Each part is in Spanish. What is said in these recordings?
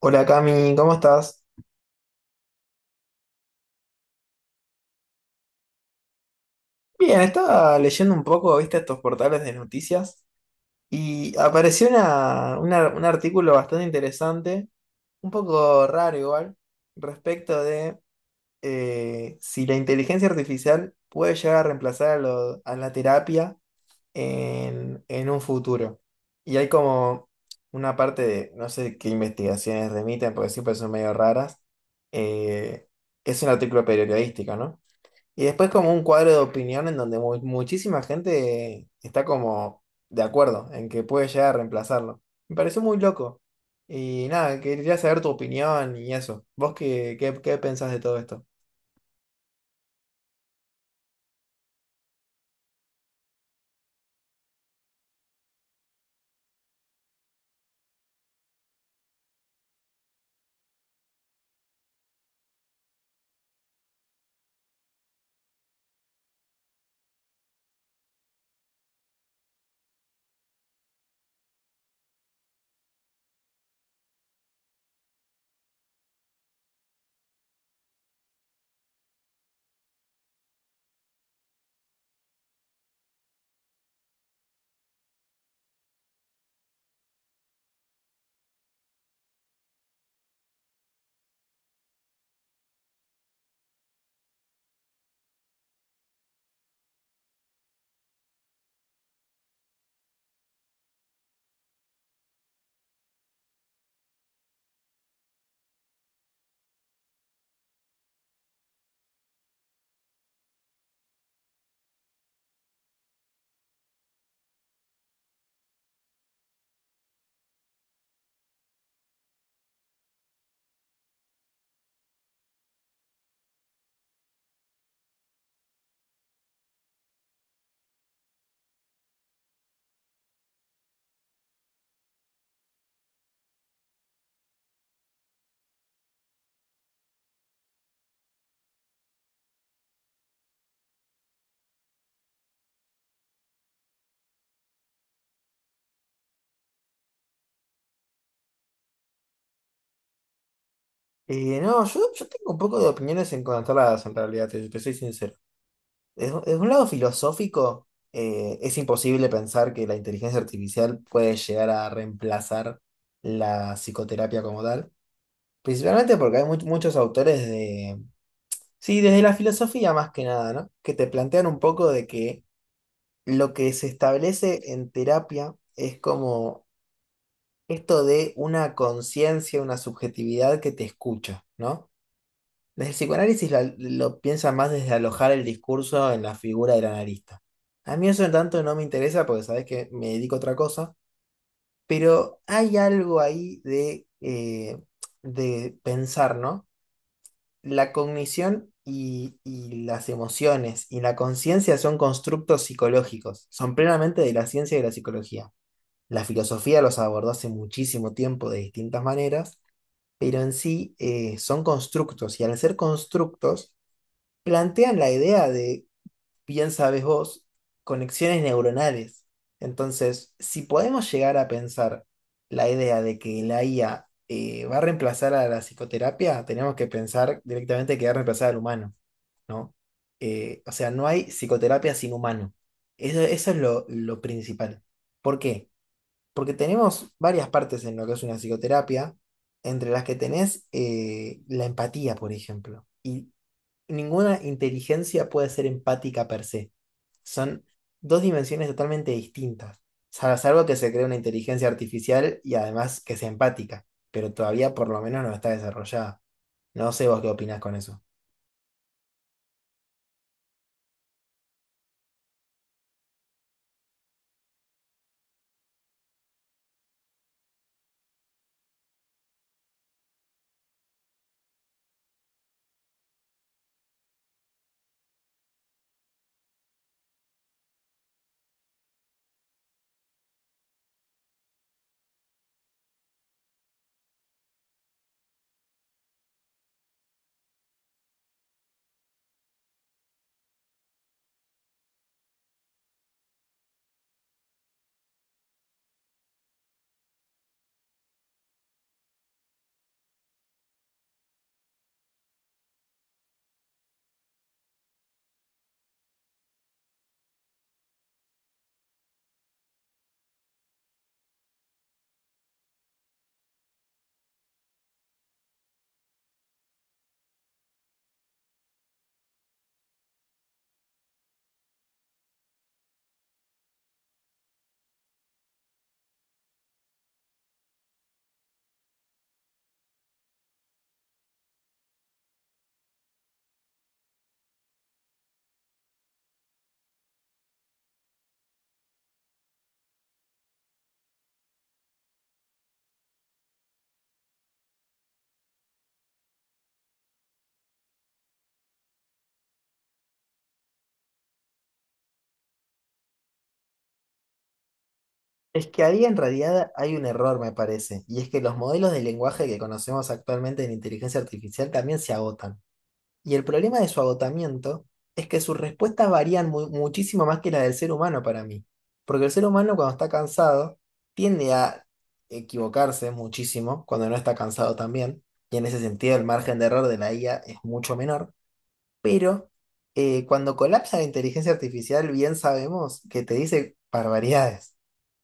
Hola Cami, ¿cómo estás? Bien, estaba leyendo un poco, viste, estos portales de noticias y apareció un artículo bastante interesante, un poco raro igual, respecto de si la inteligencia artificial puede llegar a reemplazar a la terapia en un futuro. Y hay como una parte de, no sé qué investigaciones remiten, porque siempre son medio raras. eh, es un artículo periodístico, ¿no? Y después como un cuadro de opinión en donde muchísima gente está como de acuerdo en que puede llegar a reemplazarlo. Me pareció muy loco. Y nada, quería saber tu opinión y eso. ¿Vos qué pensás de todo esto? No, yo tengo un poco de opiniones encontradas en realidad, te soy sincero. Desde un lado filosófico, es imposible pensar que la inteligencia artificial puede llegar a reemplazar la psicoterapia como tal. Principalmente porque hay muchos autores de sí, desde la filosofía más que nada, ¿no? Que te plantean un poco de que lo que se establece en terapia es como esto de una conciencia, una subjetividad que te escucha, ¿no? Desde el psicoanálisis lo piensan más desde alojar el discurso en la figura del analista. A mí eso en tanto no me interesa porque sabes que me dedico a otra cosa, pero hay algo ahí de pensar, ¿no? La cognición y las emociones y la conciencia son constructos psicológicos, son plenamente de la ciencia y de la psicología. La filosofía los abordó hace muchísimo tiempo de distintas maneras, pero en sí son constructos y al ser constructos plantean la idea de bien sabes vos, conexiones neuronales. Entonces, si podemos llegar a pensar la idea de que la IA va a reemplazar a la psicoterapia, tenemos que pensar directamente que va a reemplazar al humano, ¿no? O sea, no hay psicoterapia sin humano. Eso es lo principal. ¿Por qué? Porque tenemos varias partes en lo que es una psicoterapia, entre las que tenés la empatía, por ejemplo. Y ninguna inteligencia puede ser empática per se. Son dos dimensiones totalmente distintas. Salvo que se cree una inteligencia artificial y además que sea empática, pero todavía por lo menos no está desarrollada. No sé vos qué opinás con eso. Es que ahí en realidad hay un error, me parece, y es que los modelos de lenguaje que conocemos actualmente en inteligencia artificial también se agotan. Y el problema de su agotamiento es que sus respuestas varían muchísimo más que las del ser humano para mí. Porque el ser humano cuando está cansado tiende a equivocarse muchísimo cuando no está cansado también. Y en ese sentido el margen de error de la IA es mucho menor. Pero cuando colapsa la inteligencia artificial bien sabemos que te dice barbaridades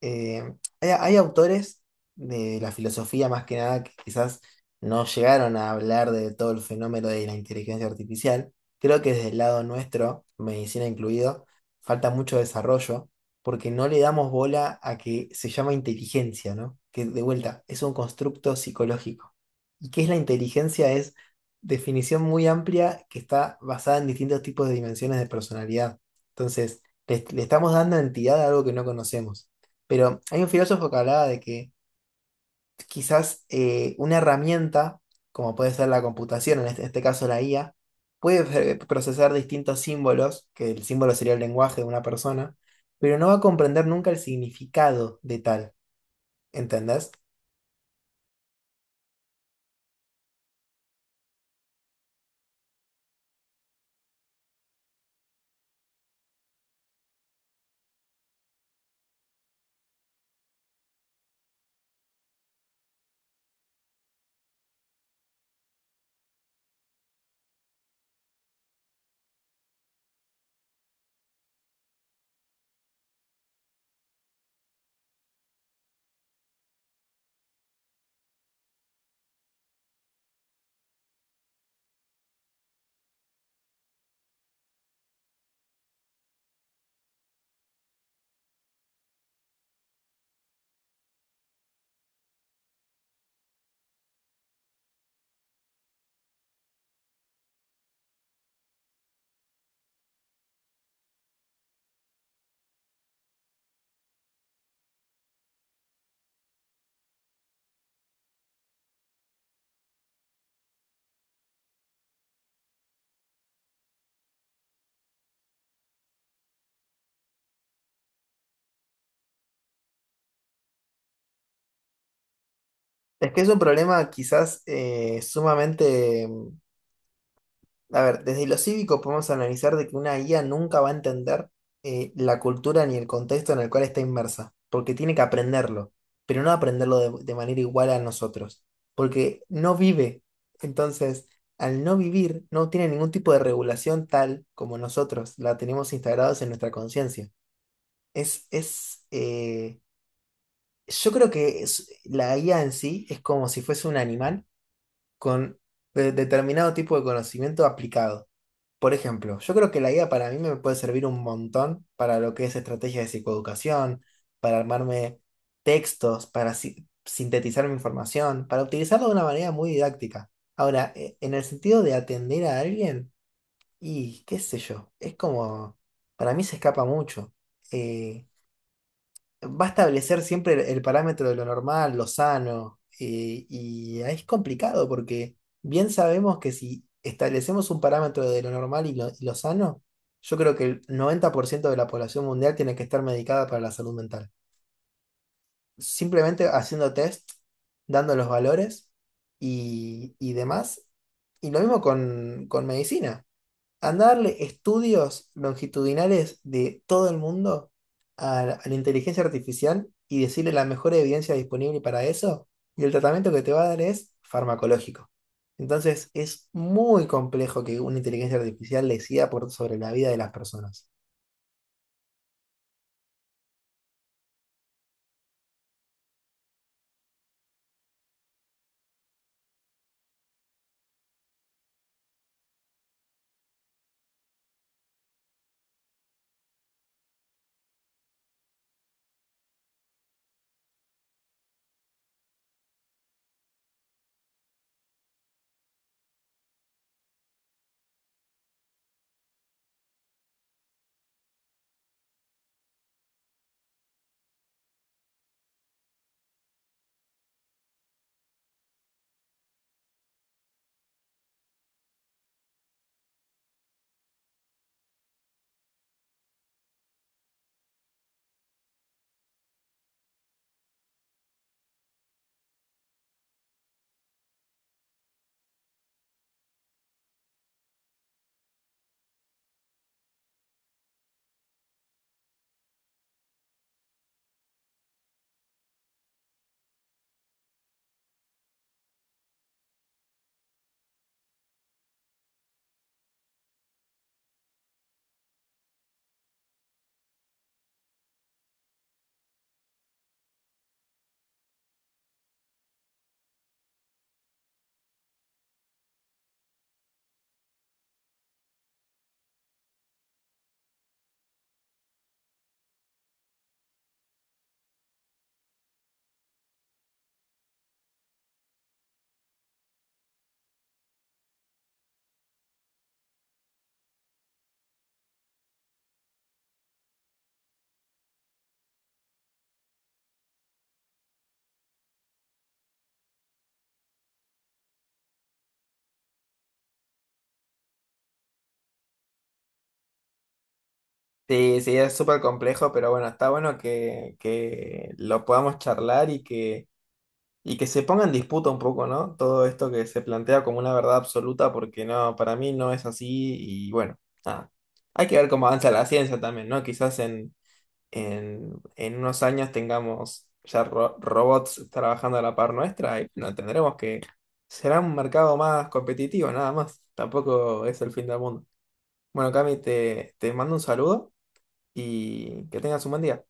eh, hay autores de la filosofía más que nada que quizás no llegaron a hablar de todo el fenómeno de la inteligencia artificial. Creo que desde el lado nuestro, medicina incluido, falta mucho desarrollo porque no le damos bola a que se llama inteligencia, ¿no? Que de vuelta es un constructo psicológico. ¿Y qué es la inteligencia? Es definición muy amplia que está basada en distintos tipos de dimensiones de personalidad. Entonces, le estamos dando entidad a algo que no conocemos. Pero hay un filósofo que hablaba de que quizás una herramienta, como puede ser la computación, en este caso la IA, puede procesar distintos símbolos, que el símbolo sería el lenguaje de una persona, pero no va a comprender nunca el significado de tal, ¿entendés? Es que es un problema quizás sumamente... A ver, desde lo cívico podemos analizar de que una IA nunca va a entender la cultura ni el contexto en el cual está inmersa, porque tiene que aprenderlo, pero no aprenderlo de manera igual a nosotros, porque no vive. Entonces, al no vivir, no tiene ningún tipo de regulación tal como nosotros la tenemos instalados en nuestra conciencia. Es, es, eh, yo creo que la IA en sí es como si fuese un animal con determinado tipo de conocimiento aplicado. Por ejemplo, yo creo que la guía para mí me puede servir un montón para lo que es estrategia de psicoeducación, para armarme textos, para sintetizar mi información, para utilizarlo de una manera muy didáctica. Ahora, en el sentido de atender a alguien, y qué sé yo, es como, para mí se escapa mucho. eh, Va a establecer siempre el parámetro de lo normal, lo sano, y ahí es complicado porque bien sabemos que si establecemos un parámetro de lo normal y lo sano, yo creo que el 90% de la población mundial tiene que estar medicada para la salud mental. Simplemente haciendo test, dando los valores y demás. Y lo mismo con medicina. Andá a darle estudios longitudinales de todo el mundo a a la inteligencia artificial y decirle la mejor evidencia disponible para eso, y el tratamiento que te va a dar es farmacológico. Entonces, es muy complejo que una inteligencia artificial decida por, sobre la vida de las personas. Sí, sí, es súper complejo, pero bueno, está bueno que lo podamos charlar y que... Y que se ponga en disputa un poco, ¿no? Todo esto que se plantea como una verdad absoluta, porque no, para mí no es así. Y bueno, nada. Hay que ver cómo avanza la ciencia también, ¿no? Quizás en unos años tengamos ya robots trabajando a la par nuestra y no tendremos que. Será un mercado más competitivo, nada más. Tampoco es el fin del mundo. Bueno, Cami, te mando un saludo y que tengas un buen día.